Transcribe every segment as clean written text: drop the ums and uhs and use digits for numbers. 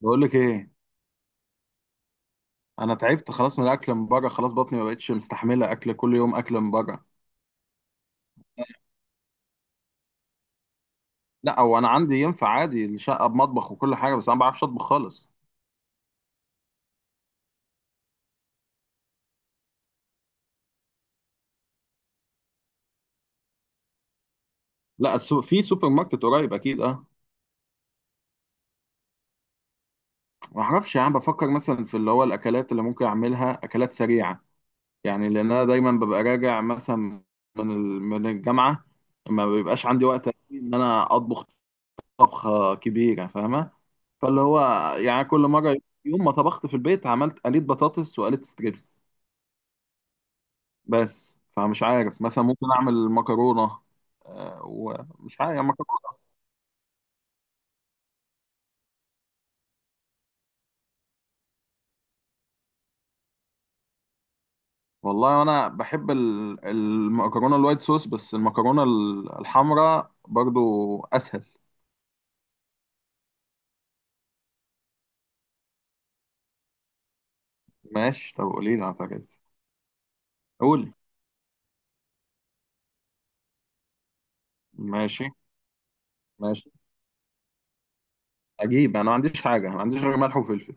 بقول لك ايه؟ انا تعبت خلاص من الاكل من بره، خلاص بطني ما بقتش مستحمله اكل كل يوم، اكل من بره. لا، هو انا عندي ينفع عادي، الشقه بمطبخ وكل حاجه، بس انا ما بعرفش اطبخ خالص. لا في سوبر ماركت قريب اكيد. اه. ما اعرفش، يعني بفكر مثلا في اللي هو الاكلات اللي ممكن اعملها اكلات سريعه، يعني لان انا دايما ببقى راجع مثلا من من الجامعه، ما بيبقاش عندي وقت ان انا اطبخ طبخه كبيره، فاهمه؟ فاللي هو يعني كل مره، يوم ما طبخت في البيت عملت قليت بطاطس وقليت ستريبس. بس فمش عارف، مثلا ممكن اعمل مكرونه. ومش عارف يعني مكرونه. والله انا بحب المكرونه الوايت صوص، بس المكرونه الحمراء برضو اسهل. ماشي، طب قولي لي، اعتقد. قولي. ماشي ماشي. اجيب؟ انا ما عنديش حاجه، أنا ما عنديش غير ملح وفلفل.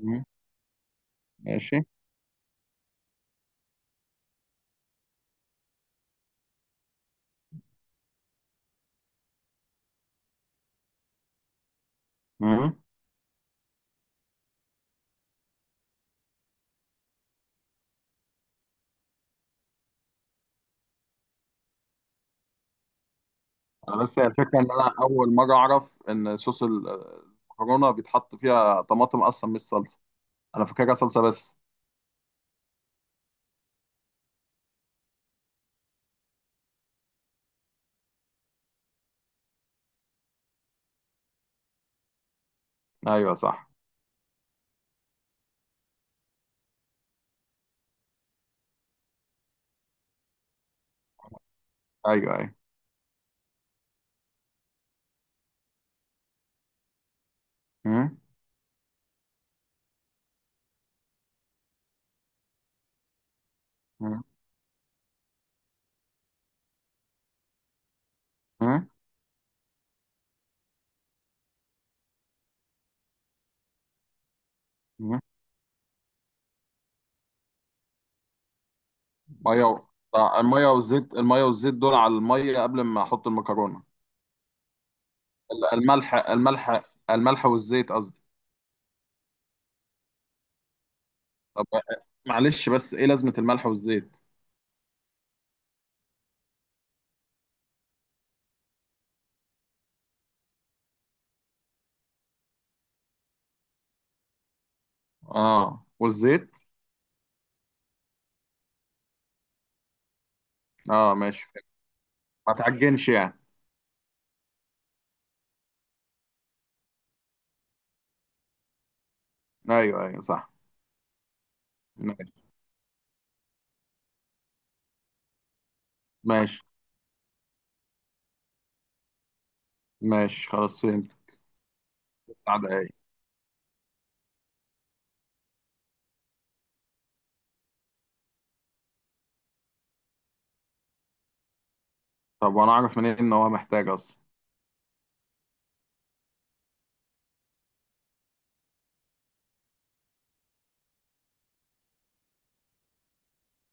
مم. ماشي. مم. انا بس هي الفكره ان انا اول مره اعرف ان صوص المكرونه بيتحط فيها طماطم اصلا، مش صلصه. انا فاكرها صلصه بس. ايوه صح. ايوه ايوه. مم. مم. مم. ميه و... الميه والزيت، الميه والزيت دول على الميه قبل ما احط المكرونه؟ الملح، الملح والزيت قصدي. طب، معلش، بس ايه لازمه الملح والزيت؟ اه، والزيت. اه ماشي. ما تعجنش يعني. ايوه ايوه صح. ماشي. ماشي ماشي، خلاص فهمت. بتاع ده ايه؟ طب وانا اعرف منين ان هو محتاج اصلا؟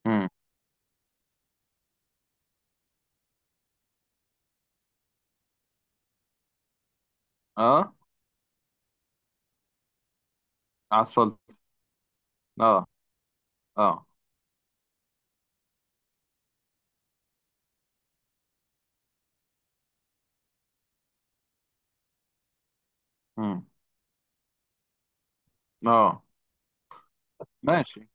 مم. اه عسل. اه. اه. مم. اه. ماشي.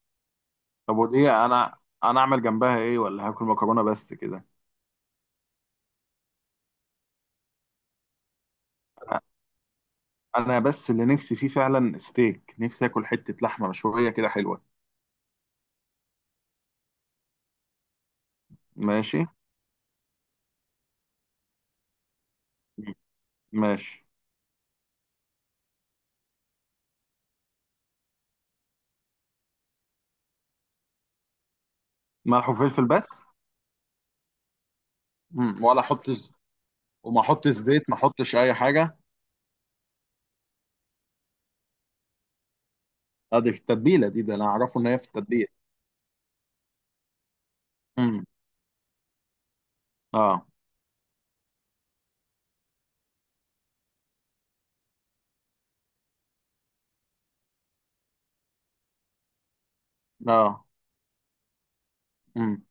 طب، ودي انا انا اعمل جنبها ايه؟ ولا هاكل مكرونه بس كده؟ انا بس اللي نفسي فيه فعلا ستيك، نفسي اكل حته لحمه مشويه كده حلوه. ماشي. ماشي. ملح وفلفل بس؟ مم. وما احطش زيت؟ ما احطش اي حاجه؟ ادي في التتبيله دي، ده انا اعرفه ان هي في التتبيله. امم. اه. اه. امم.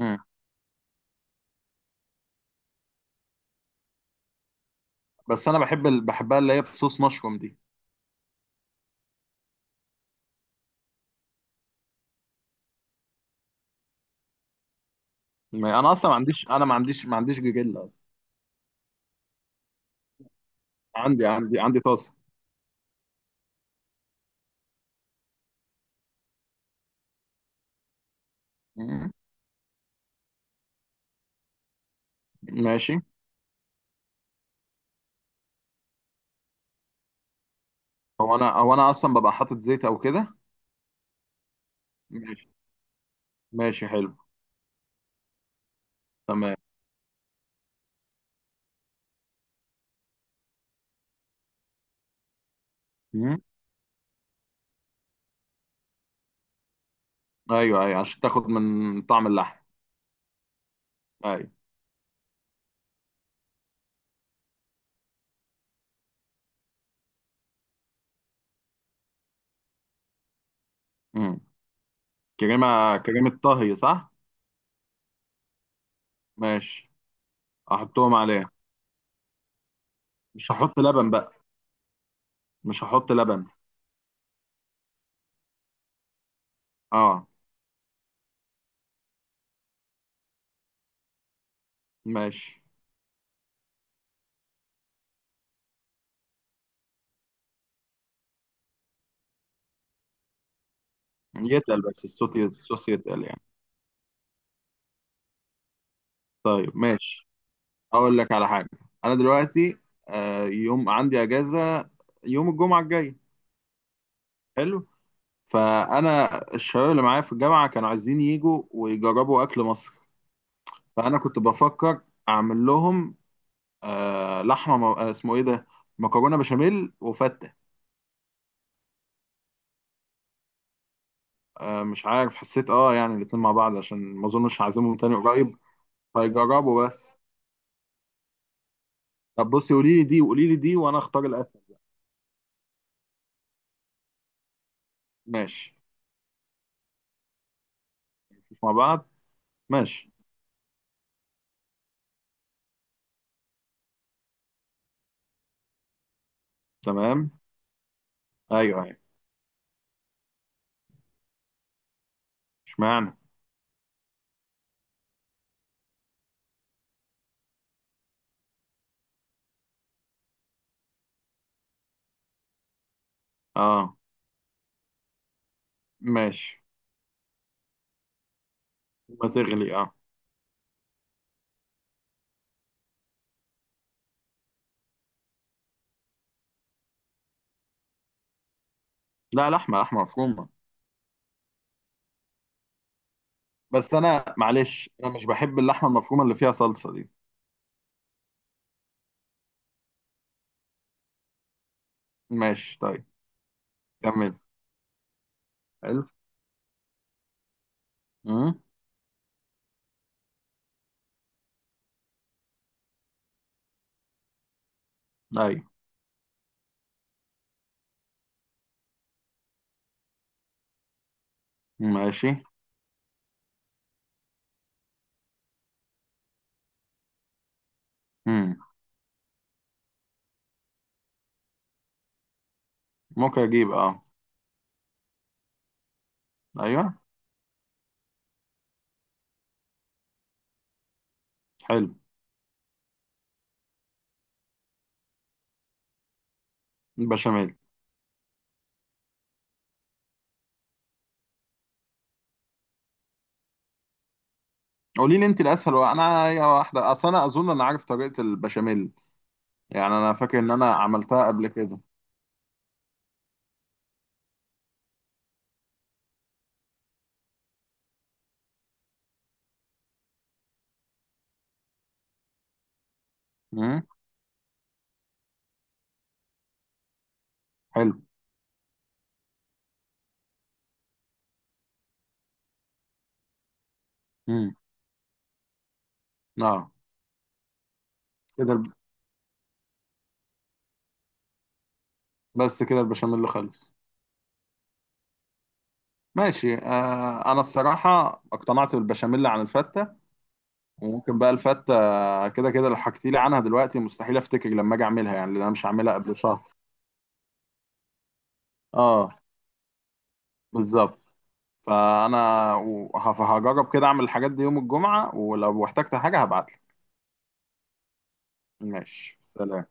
امم. بس انا بحبها اللي هي بصوص مشروم دي. انا اصلا ما عنديش، انا ما عنديش جيجيلا اصلا. عندي طاسه. مم. ماشي. هو انا اصلا ببقى حاطط زيت او كده؟ ماشي. ماشي حلو. تمام. ايوه ايوه عشان تاخد من طعم اللحم. ايوه. امم. كريمه كريمه طهي صح؟ ماشي. احطهم عليه؟ مش هحط لبن بقى. مش هحط لبن. اه. ماشي. يتقل بس الصوص يتقل يعني؟ طيب ماشي. اقول لك على حاجه. انا دلوقتي يوم عندي اجازه، يوم الجمعه الجاي. حلو. فانا الشباب اللي معايا في الجامعه كانوا عايزين يجوا ويجربوا اكل مصر، فانا كنت بفكر اعمل لهم اسمه ايه ده، مكرونه بشاميل وفته. مش عارف، حسيت يعني الاتنين مع بعض عشان ما اظنش هعزمهم تاني قريب، هيجربوا بس. طب بصي، قولي لي دي وقولي لي دي وانا اختار الاسهل. ماشي. مش مع بعض. ماشي. تمام. ايوه ايوه. اشمعنى؟ اه. ماشي. ما تغلي، اه. لا لحمه، لحمه مفرومه. بس انا معلش، انا مش بحب اللحمه المفرومه اللي فيها صلصه دي. ماشي طيب. كمل. حلو. امم. ايوه. ماشي. امم، ممكن اجيب اه. ايوه. حلو. البشاميل. قولي لي انت الاسهل، وانا يا واحده اصل انا اظن انا عارف طريقه البشاميل، يعني انا فاكر ان انا عملتها قبل كده. امم. حلو. امم. اه. كده الب- بس كده البشاميل خلص. ماشي، انا الصراحه اقتنعت بالبشاميل عن الفته. وممكن بقى الفته كده كده لو حكيتي لي عنها دلوقتي مستحيل افتكر لما اجي اعملها، يعني لأن انا مش هعملها قبل شهر. اه. بالظبط. فانا هجرب كده اعمل الحاجات دي يوم الجمعه، ولو احتجت حاجه هبعت. ماشي سلام.